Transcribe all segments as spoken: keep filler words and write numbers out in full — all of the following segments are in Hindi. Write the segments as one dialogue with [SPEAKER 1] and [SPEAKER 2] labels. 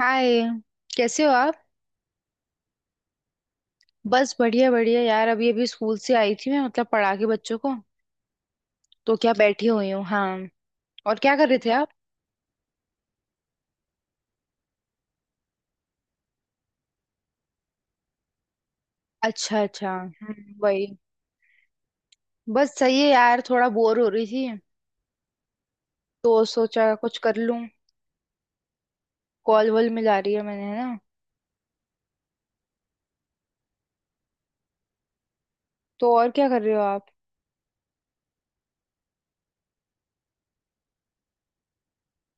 [SPEAKER 1] हाय। कैसे हो आप। बस बढ़िया बढ़िया यार, अभी अभी स्कूल से आई थी मैं, मतलब पढ़ा के बच्चों को, तो क्या बैठी हुई हूँ हाँ। और क्या कर रहे थे आप। अच्छा अच्छा, हम्म, वही। बस सही है यार, थोड़ा बोर हो रही थी तो सोचा कुछ कर लूँ। कॉल वॉल मिला रही है मैंने, है ना। तो और क्या कर रहे हो आप।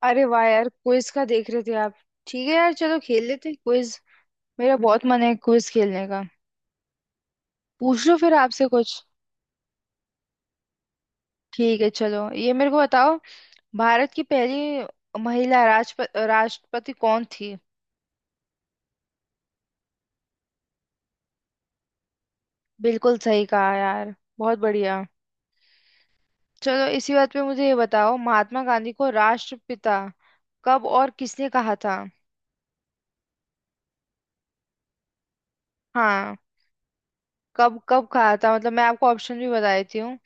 [SPEAKER 1] अरे वाह यार, क्विज का देख रहे थे आप। ठीक है यार, चलो खेल लेते हैं क्विज। मेरा बहुत मन है क्विज खेलने का। पूछ लो फिर आपसे कुछ। ठीक है, चलो ये मेरे को बताओ, भारत की पहली महिला राष्ट्रप राष्ट्रपति कौन थी। बिल्कुल सही कहा यार, बहुत बढ़िया। चलो इसी बात पे मुझे ये बताओ, महात्मा गांधी को राष्ट्रपिता कब और किसने कहा था। हाँ, कब कब कहा था, मतलब मैं आपको ऑप्शन भी बता देती हूँ।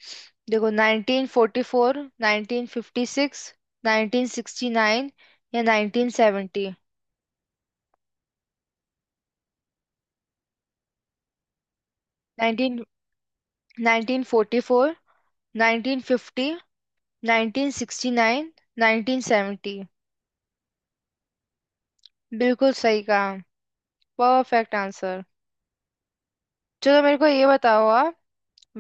[SPEAKER 1] देखो, nineteen forty four, nineteen fifty six, nineteen sixty nine या nineteen seventy. Nineteen, nineteen forty four, nineteen fifty, nineteen sixty nine, nineteen seventy. बिल्कुल सही कहा, परफेक्ट आंसर। चलो मेरे को ये बताओ आप,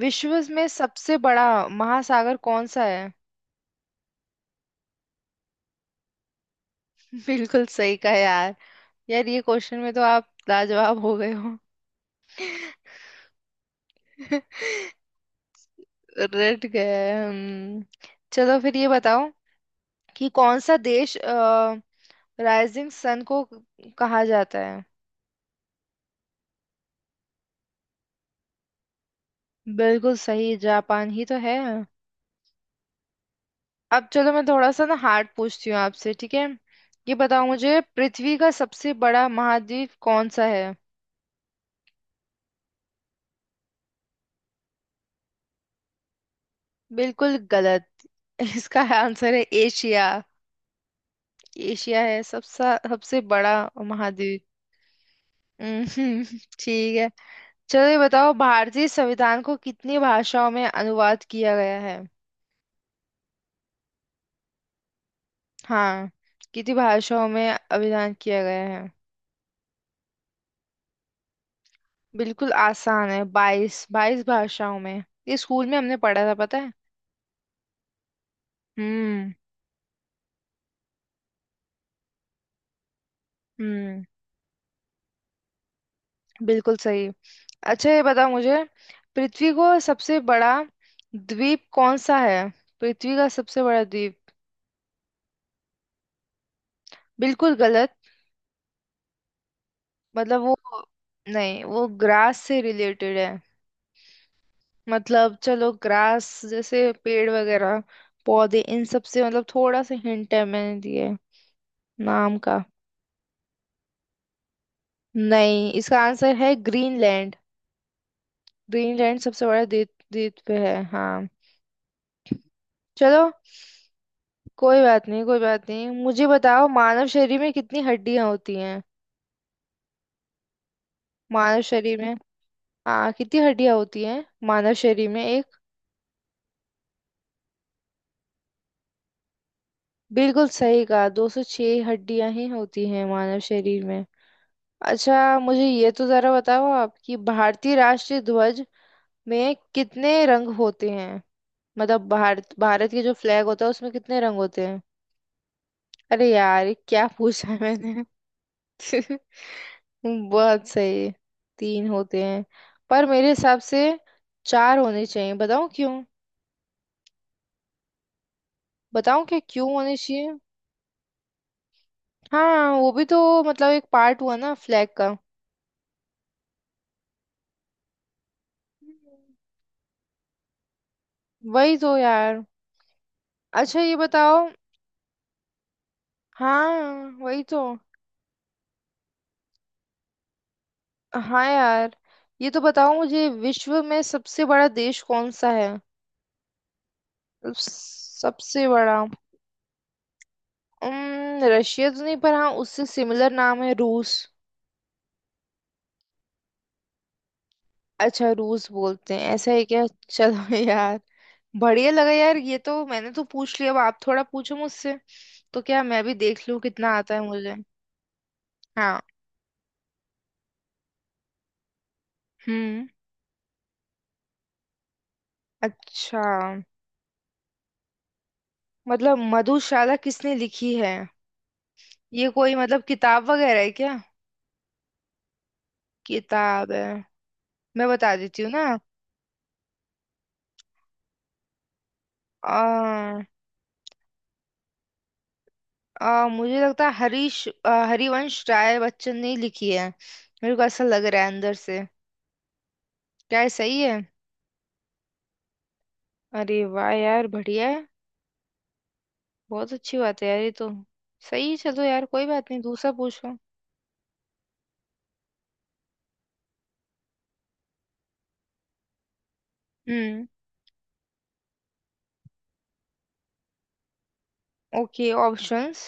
[SPEAKER 1] विश्व में सबसे बड़ा महासागर कौन सा है। बिल्कुल सही कहा यार। यार ये क्वेश्चन में तो आप लाजवाब हो गए हो। रट गए, हम्म। चलो फिर ये बताओ कि कौन सा देश राइजिंग सन को कहा जाता है। बिल्कुल सही, जापान ही तो है। अब चलो, मैं थोड़ा सा ना हार्ड पूछती हूँ आपसे, ठीक है। ये बताओ मुझे, पृथ्वी का सबसे बड़ा महाद्वीप कौन सा है। बिल्कुल गलत। इसका आंसर है एशिया। एशिया है सबसे सबसे बड़ा महाद्वीप। हम्म, ठीक है। चलो ये बताओ, भारतीय संविधान को कितनी भाषाओं में अनुवाद किया गया है। हाँ, कितनी भाषाओं में अनुवाद किया गया है। बिल्कुल आसान है, बाईस बाईस भाषाओं में। ये स्कूल में हमने पढ़ा था, पता है। हम्म। हम्म। बिल्कुल सही। अच्छा ये बता मुझे, पृथ्वी को सबसे बड़ा द्वीप कौन सा है। पृथ्वी का सबसे बड़ा द्वीप। बिल्कुल गलत। मतलब वो, नहीं, वो ग्रास से रिलेटेड है। मतलब चलो, ग्रास जैसे पेड़ वगैरह पौधे, इन सब से, मतलब थोड़ा सा हिंट है मैंने दिए, नाम का। नहीं, इसका आंसर है ग्रीनलैंड। ग्रीनलैंड सबसे बड़ा द्वीप, द्वीप पे है, हाँ। चलो, कोई बात नहीं कोई बात नहीं, मुझे बताओ, मानव शरीर में कितनी हड्डियां होती हैं। मानव शरीर में, हाँ, कितनी हड्डियां होती हैं मानव शरीर में, एक। बिल्कुल सही कहा, दो सौ छह हड्डियां ही होती हैं मानव शरीर में। अच्छा, मुझे ये तो जरा बताओ आप कि भारतीय राष्ट्रीय ध्वज में कितने रंग होते हैं। मतलब भारत, भारत के जो फ्लैग होता है उसमें कितने रंग होते हैं। अरे यार, ये क्या पूछा है मैंने। बहुत सही। तीन होते हैं। पर मेरे हिसाब से चार होने चाहिए, बताऊं क्यों। बताऊं क्या क्यों होने चाहिए। हाँ, वो भी तो मतलब एक पार्ट हुआ ना फ्लैग का। वही तो यार। अच्छा ये बताओ। हाँ वही तो। हाँ यार। ये तो बताओ मुझे, विश्व में सबसे बड़ा देश कौन सा है। मतलब सबसे बड़ा। उम्म, रशिया तो नहीं, पर हाँ, उससे सिमिलर नाम है रूस। अच्छा रूस बोलते हैं, ऐसा है क्या। चलो यार। बढ़िया लगा यार, ये तो मैंने तो पूछ लिया, अब आप थोड़ा पूछो मुझसे तो क्या, मैं भी देख लूँ कितना आता है मुझे। हाँ। हम्म। अच्छा, मतलब मधुशाला किसने लिखी है, ये कोई मतलब किताब वगैरह है क्या। किताब है। मैं बता देती हूँ ना। आ, आ, मुझे लगता है हरीश आ, हरिवंश राय बच्चन ने ही लिखी है। मेरे को ऐसा लग रहा है अंदर से। क्या ये सही है। अरे वाह यार, बढ़िया है। बहुत अच्छी बात है यार ये तो। सही है। चलो यार, कोई बात नहीं, दूसरा पूछो। Hmm. Okay, options.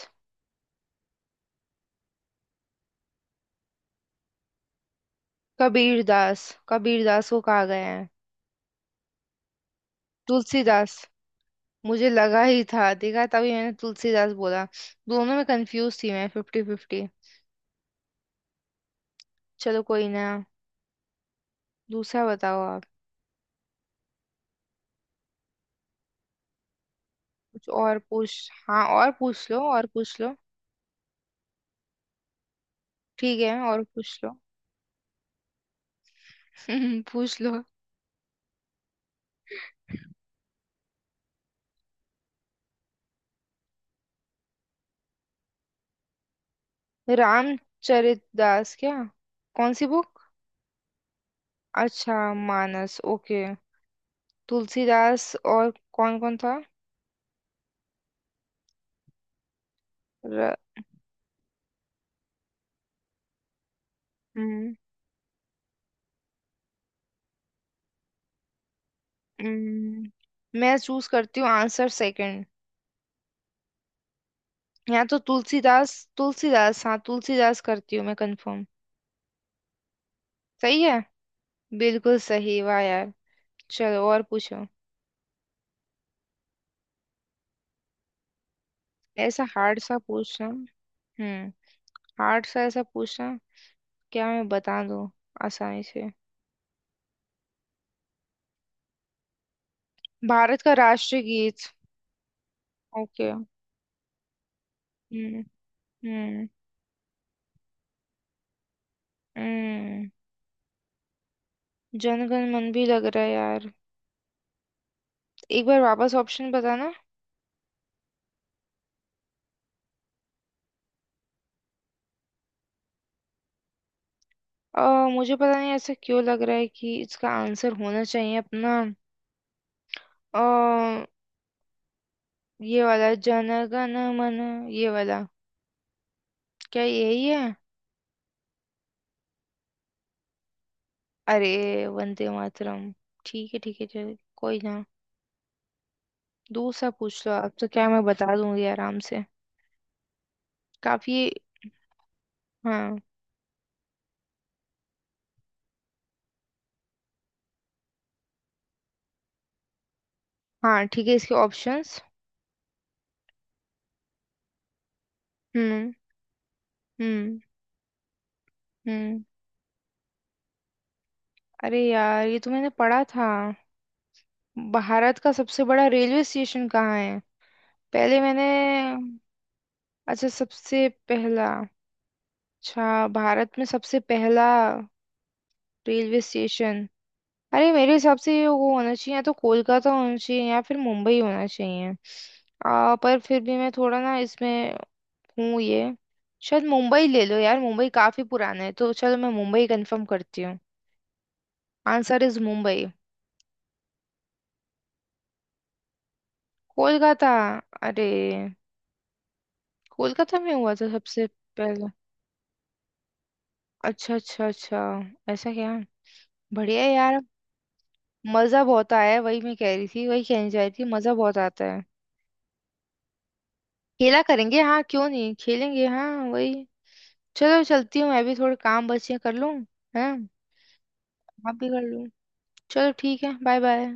[SPEAKER 1] Kabir Das. Kabir Das को कहा गया है। तुलसीदास। मुझे लगा ही था, देखा तभी मैंने तुलसीदास बोला। दोनों में कंफ्यूज थी मैं, फिफ्टी फिफ्टी। चलो कोई ना। दूसरा बताओ आप। कुछ और पूछ, हाँ, और पूछ लो, और पूछ लो। ठीक है, और पूछ लो। पूछ लो। रामचरित दास क्या, कौन सी बुक। अच्छा मानस, ओके। तुलसीदास, और कौन कौन था। र, हम्म। हम्म। मैं चूज करती हूँ आंसर सेकंड। यहाँ तो तुलसीदास, तुलसीदास, हाँ तुलसीदास करती हूँ मैं कंफर्म। सही है। बिल्कुल सही, वाह यार। चलो और पूछो। ऐसा हार्ड सा पूछना। हम्म। हार्ड सा ऐसा पूछना। क्या मैं बता दूँ आसानी से। भारत का राष्ट्रीय गीत। ओके। हम्म। हम्म। हम्म। जन गण मन भी लग रहा है यार। एक बार वापस ऑप्शन बताना। अ मुझे पता नहीं, ऐसा क्यों लग रहा है कि इसका आंसर होना चाहिए अपना। अ ये वाला जन गण मन। ये वाला। क्या यही है। अरे, वंदे मातरम। ठीक है ठीक है, चल कोई ना, दूसरा पूछ लो आप तो क्या, मैं बता दूंगी आराम से। काफी। हाँ। हाँ ठीक है, इसके ऑप्शंस। हम्म। हम्म। हम्म। अरे यार, ये तो मैंने पढ़ा था, भारत का सबसे बड़ा रेलवे स्टेशन कहाँ है। पहले मैंने। अच्छा सबसे पहला। अच्छा, भारत में सबसे पहला रेलवे स्टेशन। अरे, मेरे हिसाब से ये वो होना चाहिए, या तो कोलकाता होना चाहिए या फिर मुंबई होना चाहिए। आ, पर फिर भी मैं थोड़ा ना इसमें, हूँ, ये, शायद मुंबई ले लो यार, मुंबई काफी पुराना है तो चलो, मैं मुंबई कंफर्म करती हूँ। Answer is Mumbai. कोलकाता। अरे, कोलकाता में हुआ था सबसे पहला। अच्छा अच्छा अच्छा। ऐसा क्या। बढ़िया है यार। मजा बहुत आया है, वही मैं कह रही थी, वही कहने जा रही थी, मजा बहुत आता है। खेला करेंगे, हाँ, क्यों नहीं खेलेंगे, हाँ वही। चलो, चलती हूँ, मैं भी थोड़े काम बचे हैं, कर लूँ। है। आप भी कर लूँ। चलो ठीक है, बाय बाय।